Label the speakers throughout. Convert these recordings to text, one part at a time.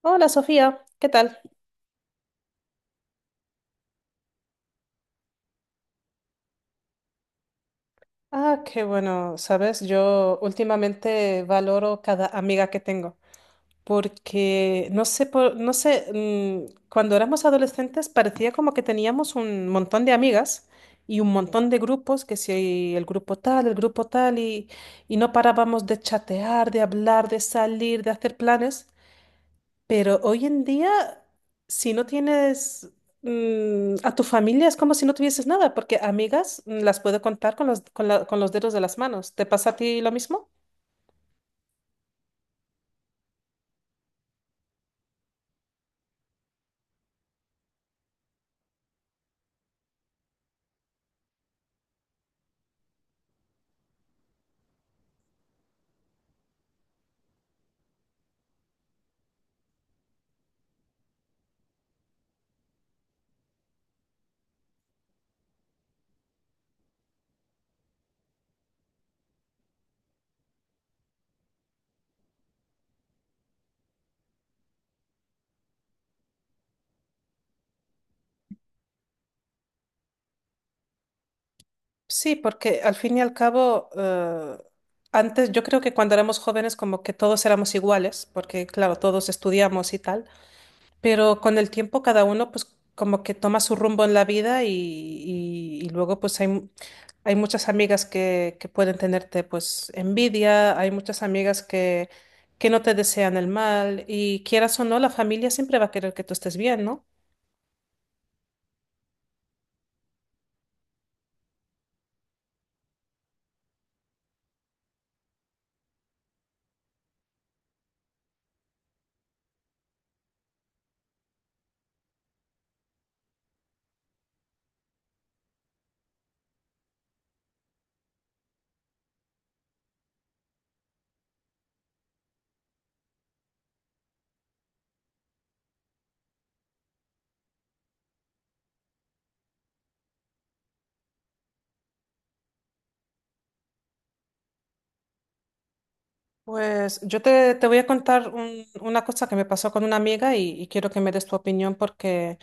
Speaker 1: Hola Sofía, ¿qué tal? Ah, qué bueno, sabes, yo últimamente valoro cada amiga que tengo, porque no sé, no sé, cuando éramos adolescentes parecía como que teníamos un montón de amigas y un montón de grupos, que si el grupo tal, el grupo tal, y no parábamos de chatear, de hablar, de salir, de hacer planes. Pero hoy en día, si no tienes a tu familia, es como si no tuvieses nada, porque amigas las puedo contar con con con los dedos de las manos. ¿Te pasa a ti lo mismo? Sí, porque al fin y al cabo, antes yo creo que cuando éramos jóvenes como que todos éramos iguales, porque claro, todos estudiamos y tal. Pero con el tiempo cada uno pues como que toma su rumbo en la vida y luego pues hay muchas amigas que pueden tenerte pues envidia, hay muchas amigas que no te desean el mal y quieras o no, la familia siempre va a querer que tú estés bien, ¿no? Pues yo te voy a contar una cosa que me pasó con una amiga y quiero que me des tu opinión porque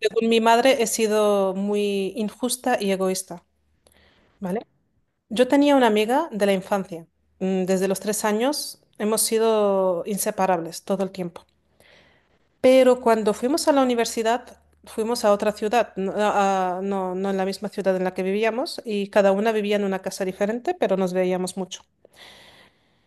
Speaker 1: según mi madre he sido muy injusta y egoísta, ¿vale? Yo tenía una amiga de la infancia. Desde los 3 años hemos sido inseparables todo el tiempo. Pero cuando fuimos a la universidad, fuimos a otra ciudad, no, no, no en la misma ciudad en la que vivíamos, y cada una vivía en una casa diferente, pero nos veíamos mucho.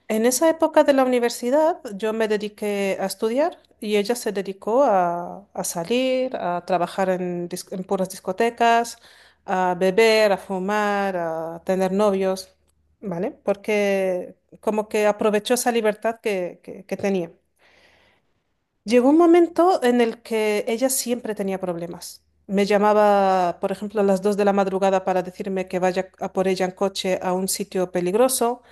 Speaker 1: En esa época de la universidad yo me dediqué a estudiar y ella se dedicó a salir, a trabajar en puras discotecas, a beber, a fumar, a tener novios, ¿vale? Porque como que aprovechó esa libertad que tenía. Llegó un momento en el que ella siempre tenía problemas. Me llamaba, por ejemplo, a las 2 de la madrugada para decirme que vaya a por ella en coche a un sitio peligroso.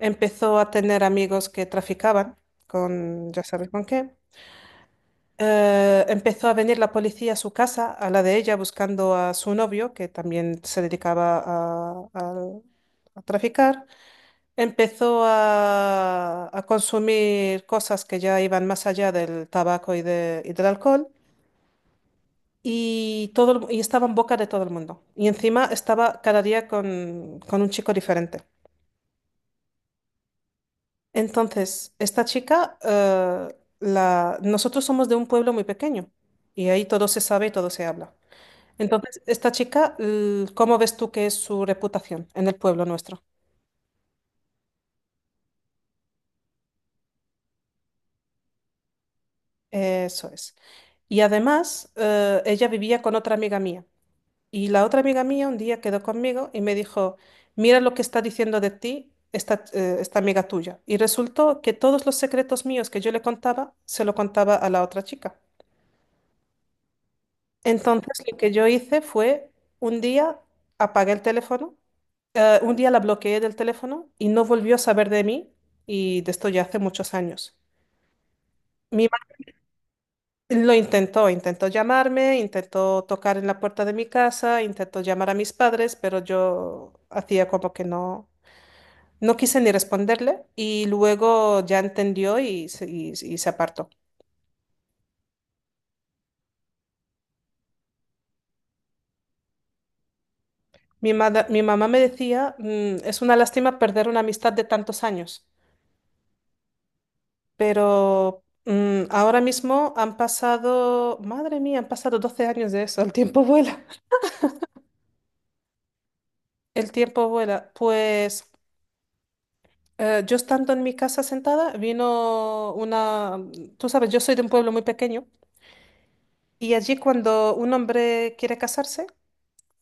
Speaker 1: Empezó a tener amigos que traficaban con, ya sabes con qué. Empezó a venir la policía a su casa, a la de ella, buscando a su novio, que también se dedicaba a traficar. Empezó a consumir cosas que ya iban más allá del tabaco y del alcohol. Y estaba en boca de todo el mundo. Y encima estaba cada día con un chico diferente. Entonces, esta chica, nosotros somos de un pueblo muy pequeño y ahí todo se sabe y todo se habla. Entonces, esta chica, ¿cómo ves tú que es su reputación en el pueblo nuestro? Eso es. Y además, ella vivía con otra amiga mía. Y la otra amiga mía un día quedó conmigo y me dijo, mira lo que está diciendo de ti esta, esta amiga tuya. Y resultó que todos los secretos míos que yo le contaba, se lo contaba a la otra chica. Entonces lo que yo hice fue un día apagué el teléfono, un día la bloqueé del teléfono y no volvió a saber de mí y de esto ya hace muchos años. Mi madre lo intentó, intentó llamarme, intentó tocar en la puerta de mi casa, intentó llamar a mis padres, pero yo hacía como que no, no quise ni responderle y luego ya entendió y se apartó. Mi mamá me decía, Es una lástima perder una amistad de tantos años. Pero ahora mismo han pasado, madre mía, han pasado 12 años de eso, el tiempo vuela." El tiempo vuela. Pues yo estando en mi casa sentada, vino una, tú sabes, yo soy de un pueblo muy pequeño y allí cuando un hombre quiere casarse,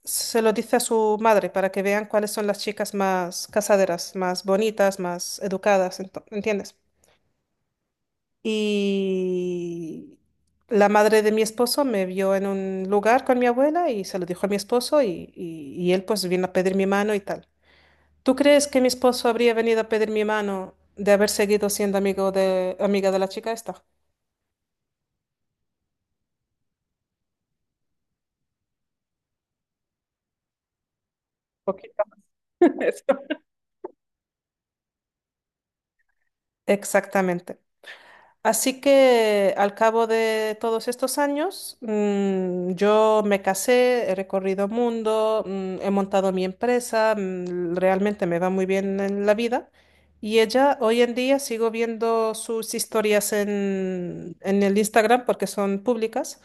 Speaker 1: se lo dice a su madre para que vean cuáles son las chicas más casaderas, más bonitas, más educadas, ¿entiendes? Y la madre de mi esposo me vio en un lugar con mi abuela y se lo dijo a mi esposo y él pues vino a pedir mi mano y tal. ¿Tú crees que mi esposo habría venido a pedir mi mano de haber seguido siendo amigo de, amiga de la chica esta? Poquito. Eso. Exactamente. Así que al cabo de todos estos años, yo me casé, he recorrido mundo, he montado mi empresa, realmente me va muy bien en la vida. Y ella, hoy en día sigo viendo sus historias en el Instagram porque son públicas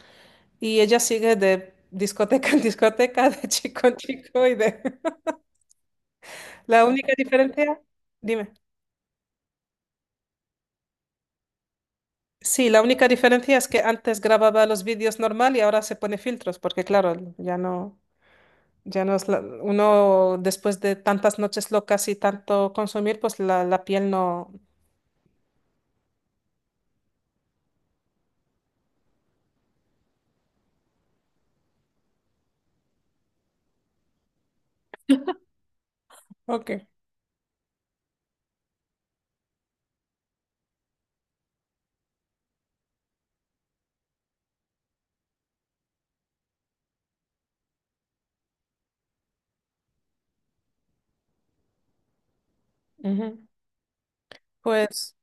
Speaker 1: y ella sigue de discoteca en discoteca, de chico en chico y de... La única diferencia, dime. Sí, la única diferencia es que antes grababa los vídeos normal y ahora se pone filtros, porque claro, ya no, ya no es uno después de tantas noches locas y tanto consumir, pues la piel no. Ok. Ujú. Pues,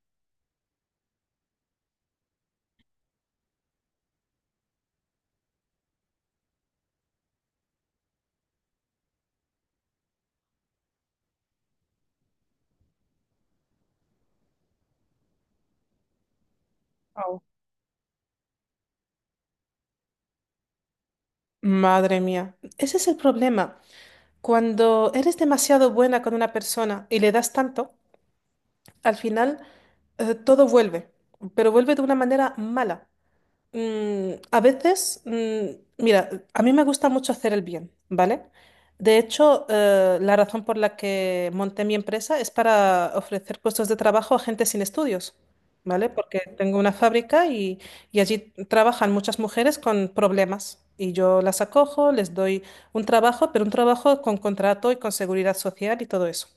Speaker 1: au, madre mía, ese es el problema. Cuando eres demasiado buena con una persona y le das tanto, al final todo vuelve, pero vuelve de una manera mala. A veces, mira, a mí me gusta mucho hacer el bien, ¿vale? De hecho, la razón por la que monté mi empresa es para ofrecer puestos de trabajo a gente sin estudios, ¿vale? Porque tengo una fábrica y allí trabajan muchas mujeres con problemas y yo las acojo, les doy un trabajo, pero un trabajo con contrato y con seguridad social y todo eso.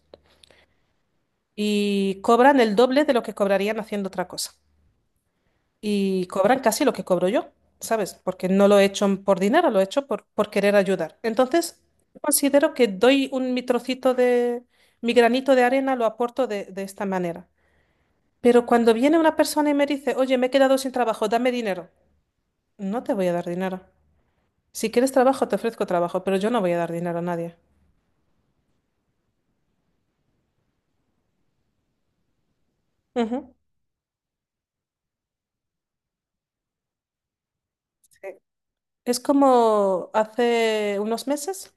Speaker 1: Y cobran el doble de lo que cobrarían haciendo otra cosa y cobran casi lo que cobro yo, ¿sabes? Porque no lo he hecho por dinero, lo he hecho por querer ayudar. Entonces, considero que doy mi trocito de, mi granito de arena, lo aporto de esta manera. Pero cuando viene una persona y me dice, oye, me he quedado sin trabajo, dame dinero, no te voy a dar dinero. Si quieres trabajo, te ofrezco trabajo, pero yo no voy a dar dinero a nadie. Ujú. Sí. Es como hace unos meses.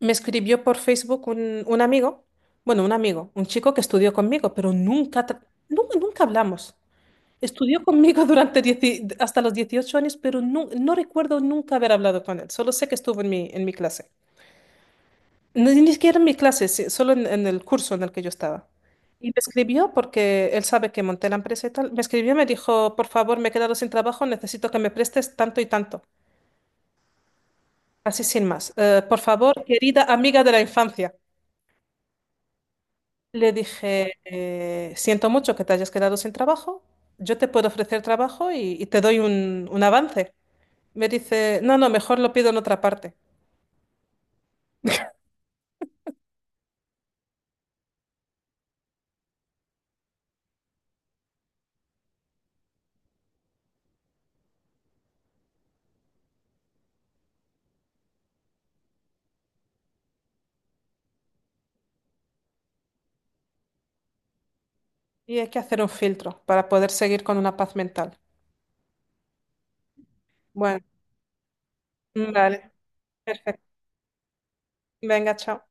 Speaker 1: Me escribió por Facebook un amigo, bueno, un amigo, un chico que estudió conmigo, pero nunca, tra- nu- nunca hablamos. Estudió conmigo hasta los 18 años, pero no recuerdo nunca haber hablado con él. Solo sé que estuvo en en mi clase. Ni siquiera en mi clase, sí, solo en el curso en el que yo estaba. Y me escribió porque él sabe que monté la empresa y tal. Me escribió y me dijo, por favor, me he quedado sin trabajo, necesito que me prestes tanto y tanto. Así sin más. Por favor, querida amiga de la infancia. Le dije, siento mucho que te hayas quedado sin trabajo, yo te puedo ofrecer trabajo y te doy un avance. Me dice, no, no, mejor lo pido en otra parte. Y hay que hacer un filtro para poder seguir con una paz mental. Bueno, vale, perfecto. Venga, chao.